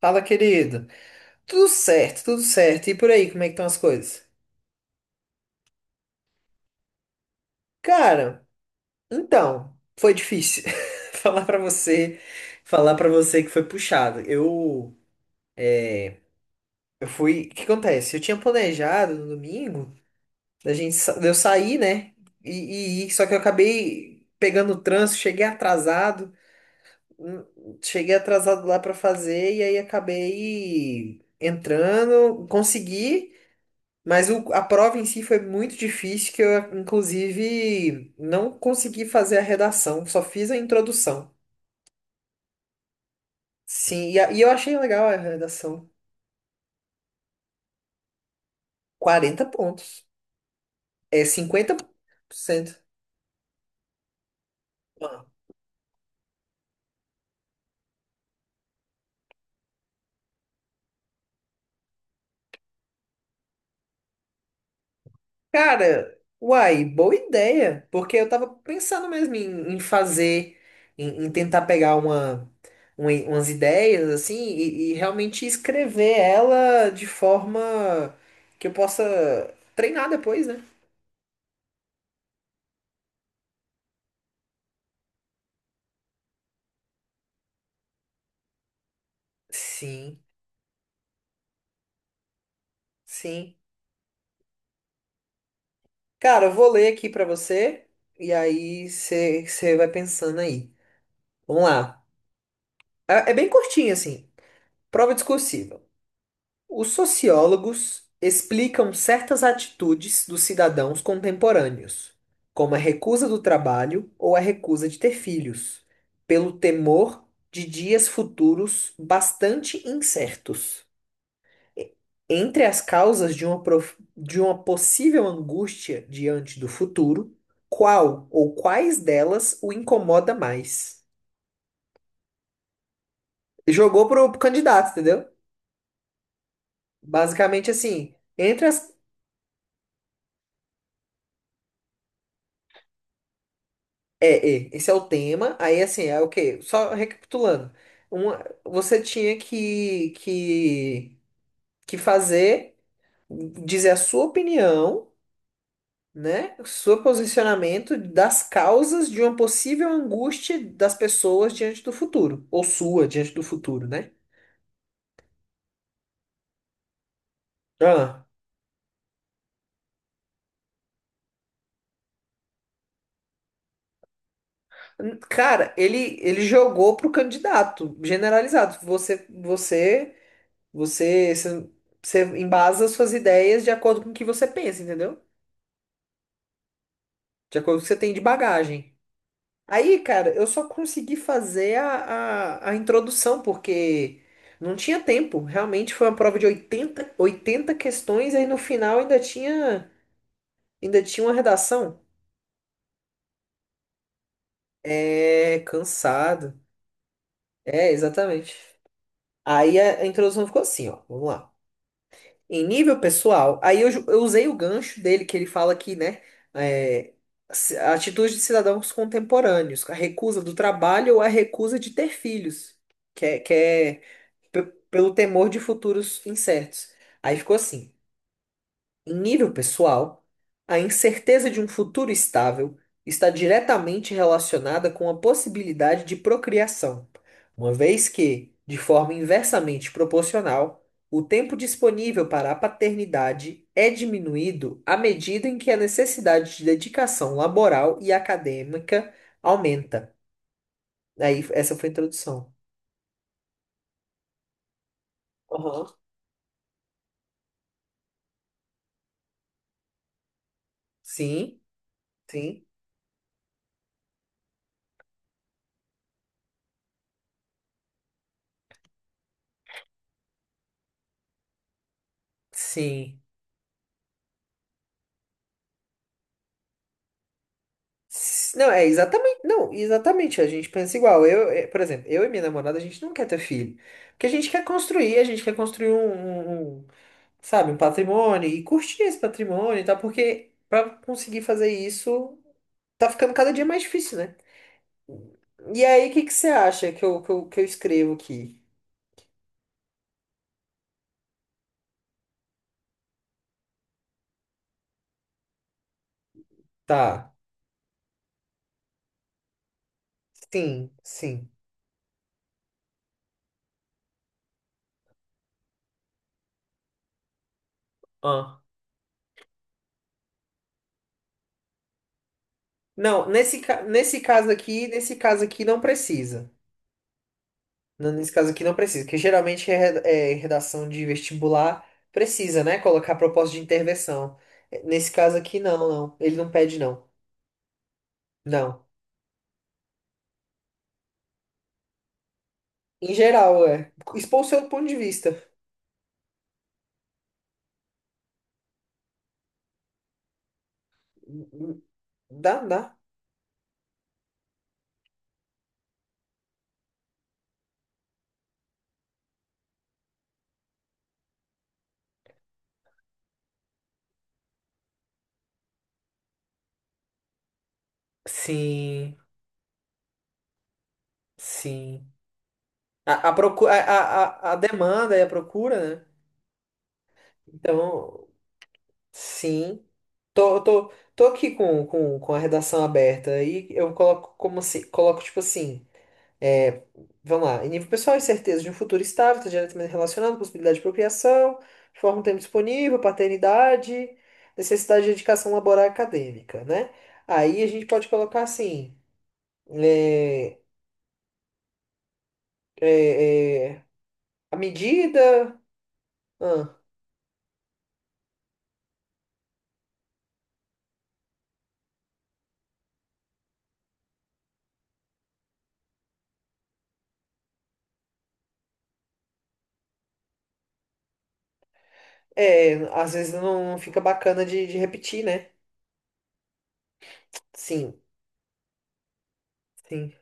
Fala, querido. Tudo certo, tudo certo. E por aí, como é que estão as coisas? Cara, então, foi difícil falar pra você, falar para você que foi puxado. Eu fui, o que acontece? Eu tinha planejado no domingo da gente de eu sair, né? E ir, só que eu acabei pegando o trânsito, hum, cheguei atrasado lá pra fazer e aí acabei entrando, consegui. Mas a prova em si foi muito difícil, que eu, inclusive, não consegui fazer a redação, só fiz a introdução. Sim, e, e eu achei legal a redação. 40 pontos. É 50%. Ah. Cara, uai, boa ideia. Porque eu tava pensando mesmo em fazer, em tentar pegar uma, umas ideias, assim, e realmente escrever ela de forma que eu possa treinar depois, né? Sim. Sim. Cara, eu vou ler aqui pra você e aí você vai pensando aí. Vamos lá. É bem curtinho assim. Prova discursiva. Os sociólogos explicam certas atitudes dos cidadãos contemporâneos, como a recusa do trabalho ou a recusa de ter filhos, pelo temor de dias futuros bastante incertos. Entre as causas de uma, de uma possível angústia diante do futuro, qual ou quais delas o incomoda mais? Jogou pro candidato, entendeu? Basicamente assim, entre as. É, é, esse é o tema. Aí assim, é o quê? Só recapitulando. Uma, você tinha que fazer, dizer a sua opinião. Né? O seu posicionamento das causas de uma possível angústia das pessoas diante do futuro, ou sua diante do futuro, né? Ah. Cara, ele jogou pro candidato, generalizado. Você você você embasa suas ideias de acordo com o que você pensa, entendeu? De acordo com o que você tem de bagagem. Aí, cara, eu só consegui fazer a introdução, porque não tinha tempo. Realmente foi uma prova de 80 80 questões, aí no final ainda tinha uma redação. É, cansado. É, exatamente. Aí a introdução ficou assim, ó. Vamos lá. Em nível pessoal, eu usei o gancho dele, que ele fala que, né, é, a atitude de cidadãos contemporâneos, a recusa do trabalho ou a recusa de ter filhos. Que é, que é pe- pelo temor de futuros incertos. Aí ficou assim: em nível pessoal, a incerteza de um futuro estável está diretamente relacionada com a possibilidade de procriação, uma vez que, de forma inversamente proporcional, o tempo disponível para a paternidade é diminuído à medida em que a necessidade de dedicação laboral e acadêmica aumenta. Aí, essa foi a introdução. Aham. Sim, sim, sim. Não, é exatamente, não, exatamente, a gente pensa igual. Eu, por exemplo, eu e minha namorada, a gente não quer ter filho, porque a gente quer construir, a gente quer construir um, um, sabe, um patrimônio e curtir esse patrimônio e tal, porque pra conseguir fazer isso tá ficando cada dia mais difícil, né? E aí, o que que você acha que eu escrevo aqui? Tá. Sim, sim. Ah. Não, nesse caso aqui não precisa. Não, nesse caso aqui não precisa, porque geralmente é é redação de vestibular precisa, né? Colocar proposta de intervenção. É, nesse caso aqui, não, não. Ele não pede, não. Não. Em geral, é. Expor o seu ponto de vista. Dá, dá. Sim, sim. A, a, procu- a, a, a demanda e a procura, né? Então, sim. Tô aqui com, com a redação aberta. Aí eu coloco como assim, coloco tipo assim. É, vamos lá. Em nível pessoal, incerteza de um futuro estável está diretamente relacionado à possibilidade de procriação, forma um tempo disponível, paternidade, necessidade de dedicação laboral e acadêmica, né? Aí a gente pode colocar assim, é, é, é, a medida, ah, às vezes não, não fica bacana de repetir, né? Sim, sim.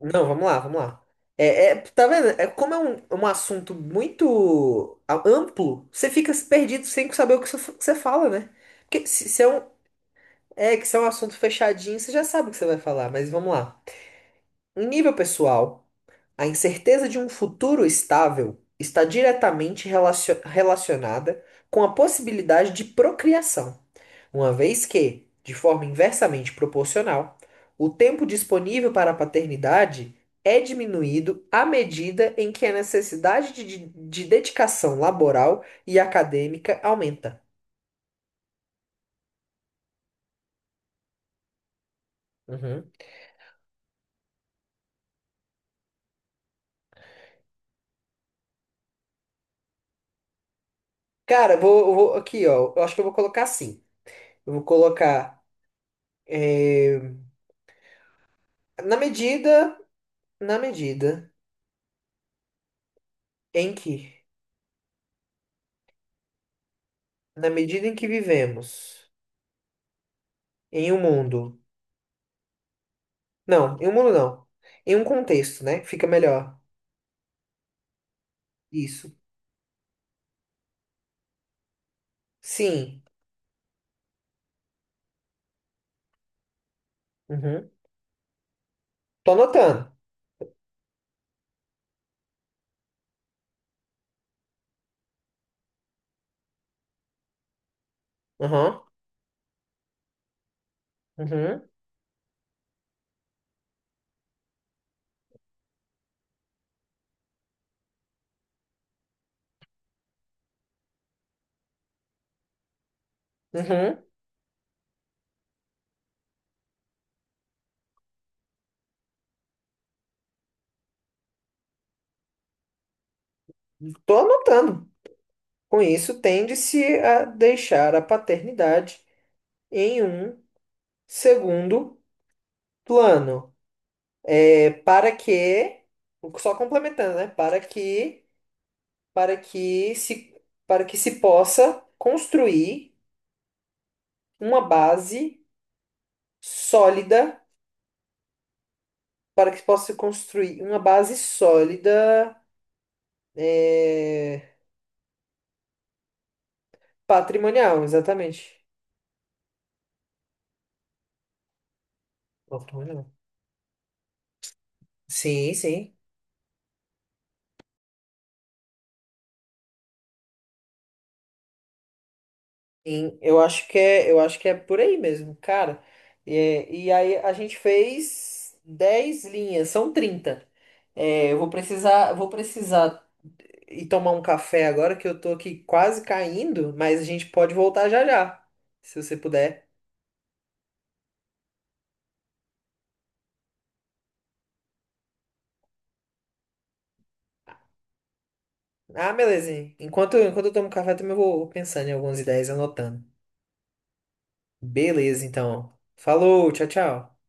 Não, vamos lá, vamos lá. É, é, tá vendo? É, como é um, um assunto muito amplo, você fica perdido sem saber o que você fala, né? Porque se é um, é, que se é um assunto fechadinho, você já sabe o que você vai falar, mas vamos lá. Em nível pessoal, a incerteza de um futuro estável está diretamente relacionada com a possibilidade de procriação uma vez que, de forma inversamente proporcional, o tempo disponível para a paternidade é diminuído à medida em que a necessidade dedicação laboral e acadêmica aumenta. Uhum. Cara, aqui, ó. Eu acho que eu vou colocar assim. Eu vou colocar eh, na medida, na medida em que, na medida em que vivemos em um mundo, não, em um mundo não, em um contexto, né? Fica melhor. Isso. Sim. Uhum. Tô anotando. Aham. Uhum. Uhum. Tô anotando. Com isso, tende-se a deixar a paternidade em um segundo plano. É para que, só complementando, né? Para que se, para que se possa construir uma base sólida, para que se possa construir uma base sólida, é, patrimonial, exatamente. Patrimonial. Sim, sim. Sim, eu acho que é, eu acho que é por aí mesmo, cara. É, e, aí a gente fez 10 linhas, são 30. É, vou precisar ir tomar um café agora que eu tô aqui quase caindo, mas a gente pode voltar já já, se você puder. Ah, beleza. Enquanto eu tomo café, também vou pensando em algumas ideias, anotando. Beleza, então. Falou, tchau, tchau.